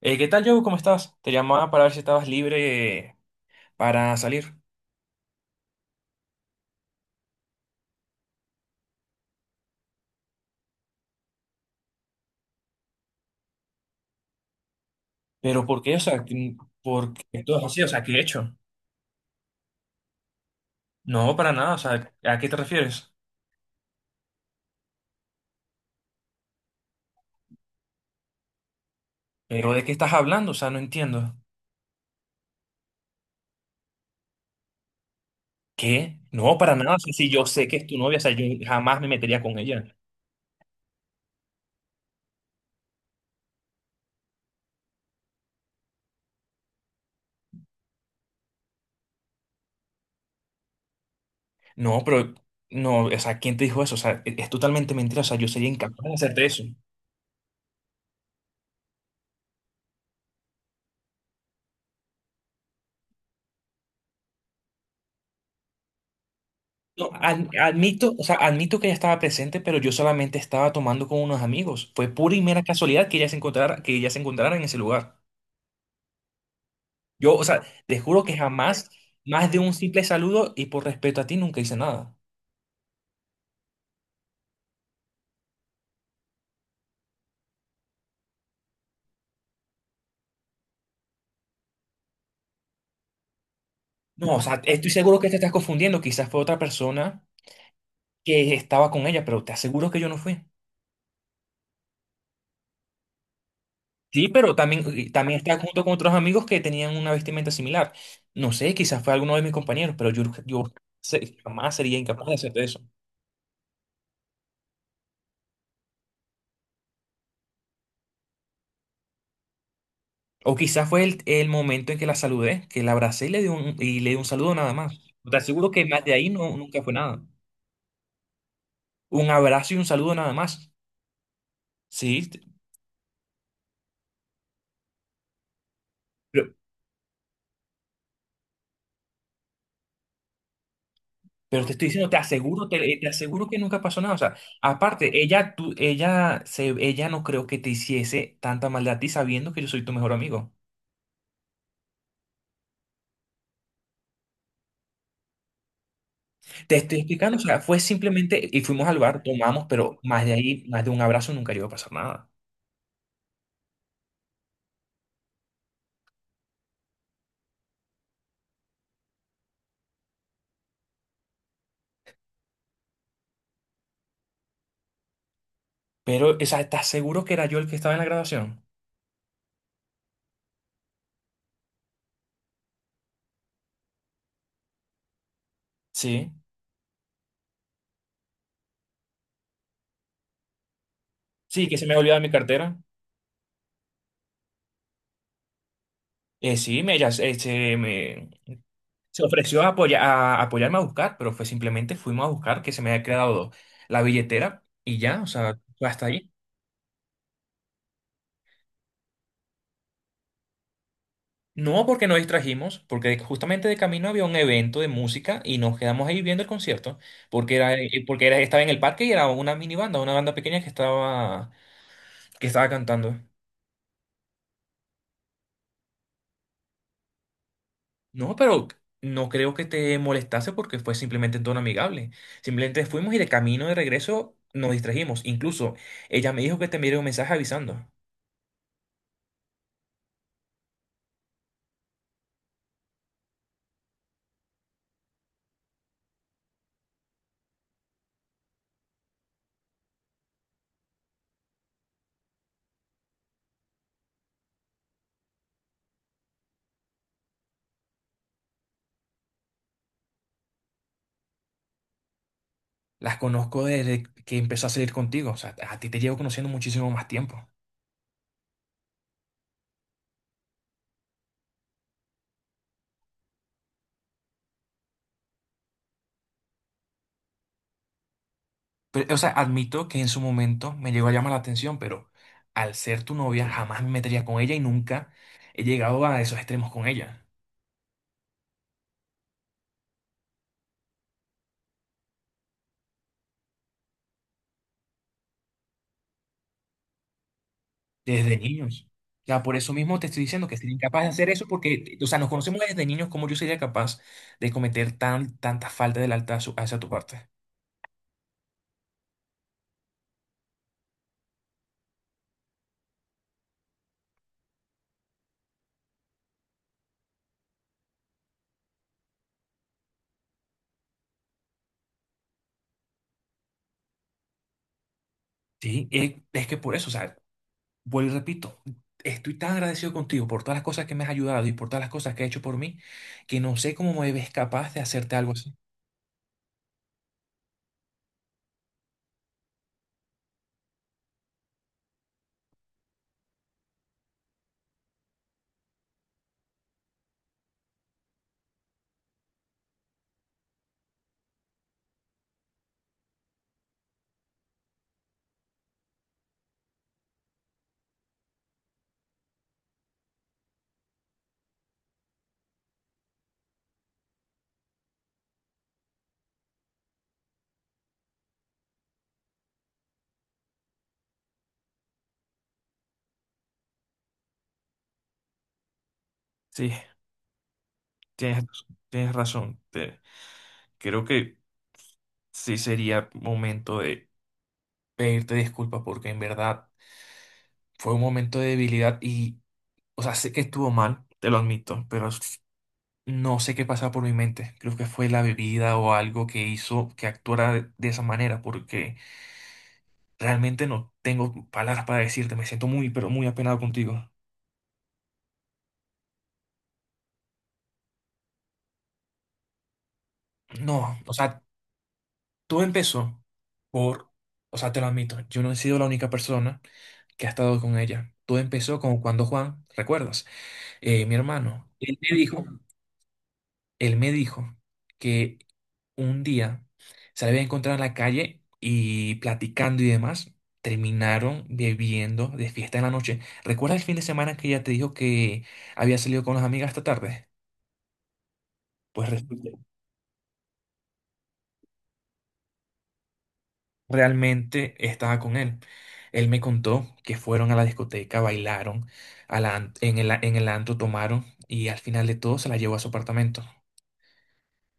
¿Qué tal, Joe? ¿Cómo estás? Te llamaba para ver si estabas libre para salir. Pero ¿por qué? O sea, ¿por qué todo así? O sea, ¿qué he hecho? No, para nada. O sea, ¿a qué te refieres? ¿Pero de qué estás hablando? O sea, no entiendo. ¿Qué? No, para nada. O sea, si yo sé que es tu novia, o sea, yo jamás me metería con ella. No, pero no, o sea, ¿quién te dijo eso? O sea, es totalmente mentira. O sea, yo sería incapaz de hacerte eso. No, admito, o sea, admito que ella estaba presente, pero yo solamente estaba tomando con unos amigos. Fue pura y mera casualidad que ella se encontrara, que ella se encontrara en ese lugar. Yo, o sea, te juro que jamás, más de un simple saludo y por respeto a ti, nunca hice nada. No, o sea, estoy seguro que te estás confundiendo. Quizás fue otra persona que estaba con ella, pero te aseguro que yo no fui. Sí, pero también, también estaba junto con otros amigos que tenían una vestimenta similar. No sé, quizás fue alguno de mis compañeros, pero yo jamás sería incapaz de hacer eso. O quizás fue el momento en que la saludé, que la abracé y le di un, y le di un saludo nada más. Te aseguro que más de ahí no, nunca fue nada. Un abrazo y un saludo nada más. Sí, pero, pero te estoy diciendo, te aseguro, te aseguro que nunca pasó nada. O sea, aparte, ella, tú, ella, se, ella no creo que te hiciese tanta maldad a ti sabiendo que yo soy tu mejor amigo. Te estoy explicando, o sea, fue simplemente, y fuimos al bar, tomamos, pero más de ahí, más de un abrazo nunca iba a pasar nada. Pero, o sea, ¿estás seguro que era yo el que estaba en la graduación? Sí. Sí, que se me había olvidado mi cartera. Sí, me, ella se, se me, se ofreció a, a apoyarme a buscar, pero fue simplemente fuimos a buscar que se me había quedado la billetera y ya, o sea, fue hasta ahí. No porque nos distrajimos, porque justamente de camino había un evento de música y nos quedamos ahí viendo el concierto, porque era, estaba en el parque y era una mini banda, una banda pequeña que estaba cantando. No, pero no creo que te molestase porque fue simplemente en tono amigable. Simplemente fuimos y de camino de regreso nos distrajimos. Incluso ella me dijo que te enviaría un mensaje avisando. Las conozco desde que empezó a salir contigo. O sea, a ti te llevo conociendo muchísimo más tiempo. Pero, o sea, admito que en su momento me llegó a llamar la atención, pero al ser tu novia jamás me metería con ella y nunca he llegado a esos extremos con ella. Desde niños. Ya por eso mismo te estoy diciendo que sería incapaz de hacer eso porque, o sea, nos conocemos desde niños, como yo sería capaz de cometer tan, tanta falta del alta a hacia tu parte? Sí, es que por eso, o sea, vuelvo y repito, estoy tan agradecido contigo por todas las cosas que me has ayudado y por todas las cosas que has hecho por mí, que no sé cómo me ves capaz de hacerte algo así. Sí, tienes, tienes razón. Creo que sí sería momento de pedirte disculpas porque en verdad fue un momento de debilidad y... O sea, sé que estuvo mal, te lo admito, pero no sé qué pasaba por mi mente. Creo que fue la bebida o algo que hizo que actuara de esa manera, porque realmente no tengo palabras para decirte. Me siento muy, pero muy apenado contigo. No, o sea, todo empezó por, o sea, te lo admito, yo no he sido la única persona que ha estado con ella. Todo empezó como cuando Juan, ¿recuerdas? Mi hermano, él me dijo que un día se la había encontrado en la calle y platicando y demás, terminaron bebiendo de fiesta en la noche. ¿Recuerdas el fin de semana que ella te dijo que había salido con las amigas esta tarde? Pues resulta- realmente estaba con él. Él me contó que fueron a la discoteca, bailaron, a la en el, en el antro tomaron y al final de todo se la llevó a su apartamento.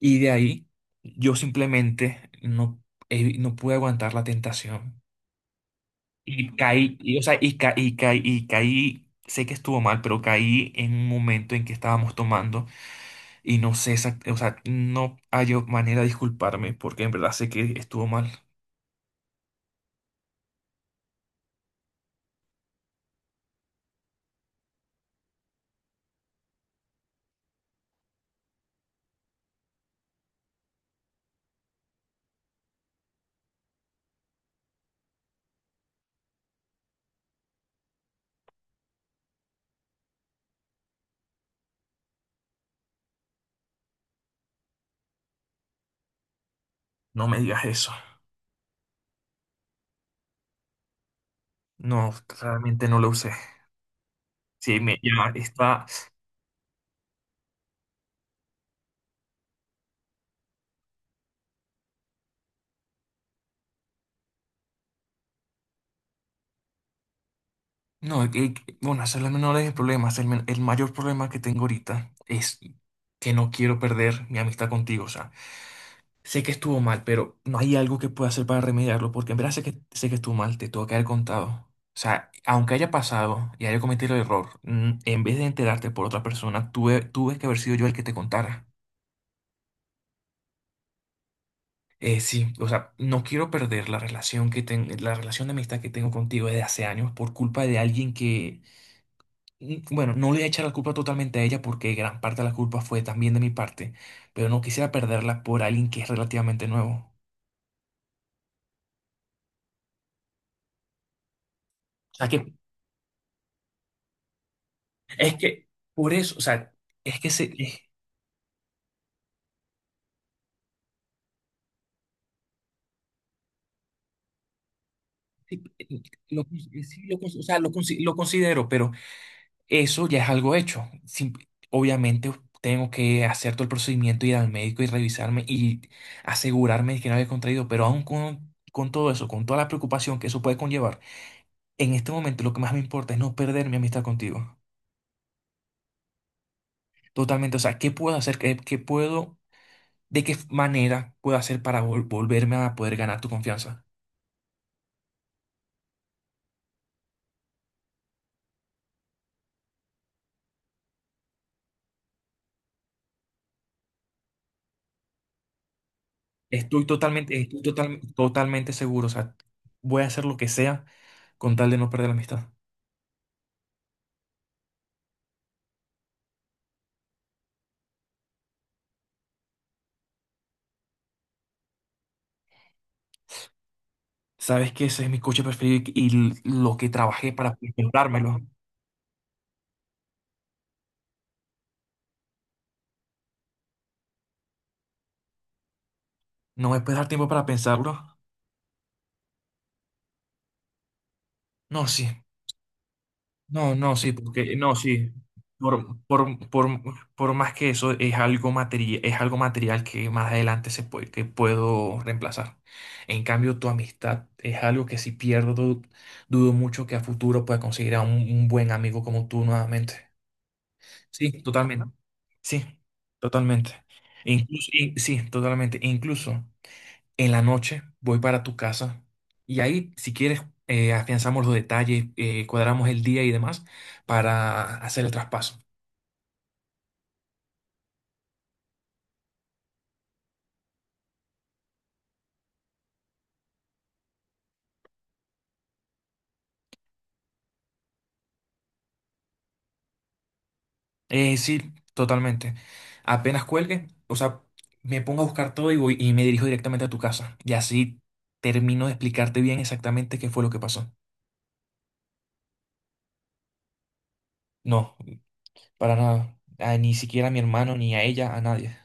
Y de ahí yo simplemente no, no pude aguantar la tentación. Y caí, y, o sea, y caí, y caí, y caí, sé que estuvo mal, pero caí en un momento en que estábamos tomando y no sé, o sea, no hay manera de disculparme porque en verdad sé que estuvo mal. No me digas eso. No, realmente no lo usé. Sí, me ya está. No, bueno, ese es el menor de mis problemas. El, el mayor problema que tengo ahorita es que no quiero perder mi amistad contigo. O sea, sé que estuvo mal, pero no hay algo que pueda hacer para remediarlo, porque en verdad sé que estuvo mal, te tuvo que haber contado. O sea, aunque haya pasado y haya cometido el error, en vez de enterarte por otra persona, tuve, tuve que haber sido yo el que te contara. Sí, o sea, no quiero perder la relación que la relación de amistad que tengo contigo desde hace años por culpa de alguien que, bueno, no le voy a echar la culpa totalmente a ella porque gran parte de la culpa fue también de mi parte, pero no quisiera perderla por alguien que es relativamente nuevo. O sea, que es que por eso, o sea, es que se, sí, lo, o sea, lo, lo considero, pero eso ya es algo hecho. Obviamente tengo que hacer todo el procedimiento, ir al médico y revisarme y asegurarme de que no había contraído, pero aún con todo eso, con toda la preocupación que eso puede conllevar, en este momento lo que más me importa es no perder mi amistad contigo. Totalmente, o sea, ¿qué puedo hacer? ¿Qué, qué puedo, de qué manera puedo hacer para volverme a poder ganar tu confianza? Estoy totalmente, estoy totalmente seguro. O sea, voy a hacer lo que sea con tal de no perder la amistad. Sabes que ese es mi coche preferido y lo que trabajé para comprármelo. ¿No me puedes dar tiempo para pensarlo? No, sí. No, no, sí, porque no, sí. Por, por, por, por más que eso es algo material que más adelante se puede, que puedo reemplazar. En cambio, tu amistad es algo que si pierdo, dudo mucho que a futuro pueda conseguir a un buen amigo como tú nuevamente. Sí, totalmente. Sí, totalmente. Incluso, sí, totalmente. Incluso en la noche voy para tu casa y ahí, si quieres, afianzamos los detalles, cuadramos el día y demás para hacer el traspaso. Sí, totalmente. Apenas cuelgue, o sea, me pongo a buscar todo y voy y me dirijo directamente a tu casa. Y así termino de explicarte bien exactamente qué fue lo que pasó. No, para nada. Ni siquiera a mi hermano, ni a ella, a nadie.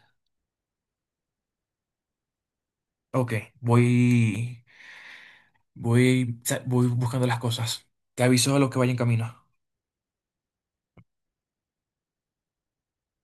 Ok, voy. Voy, voy buscando las cosas. Te aviso a lo que vaya en camino.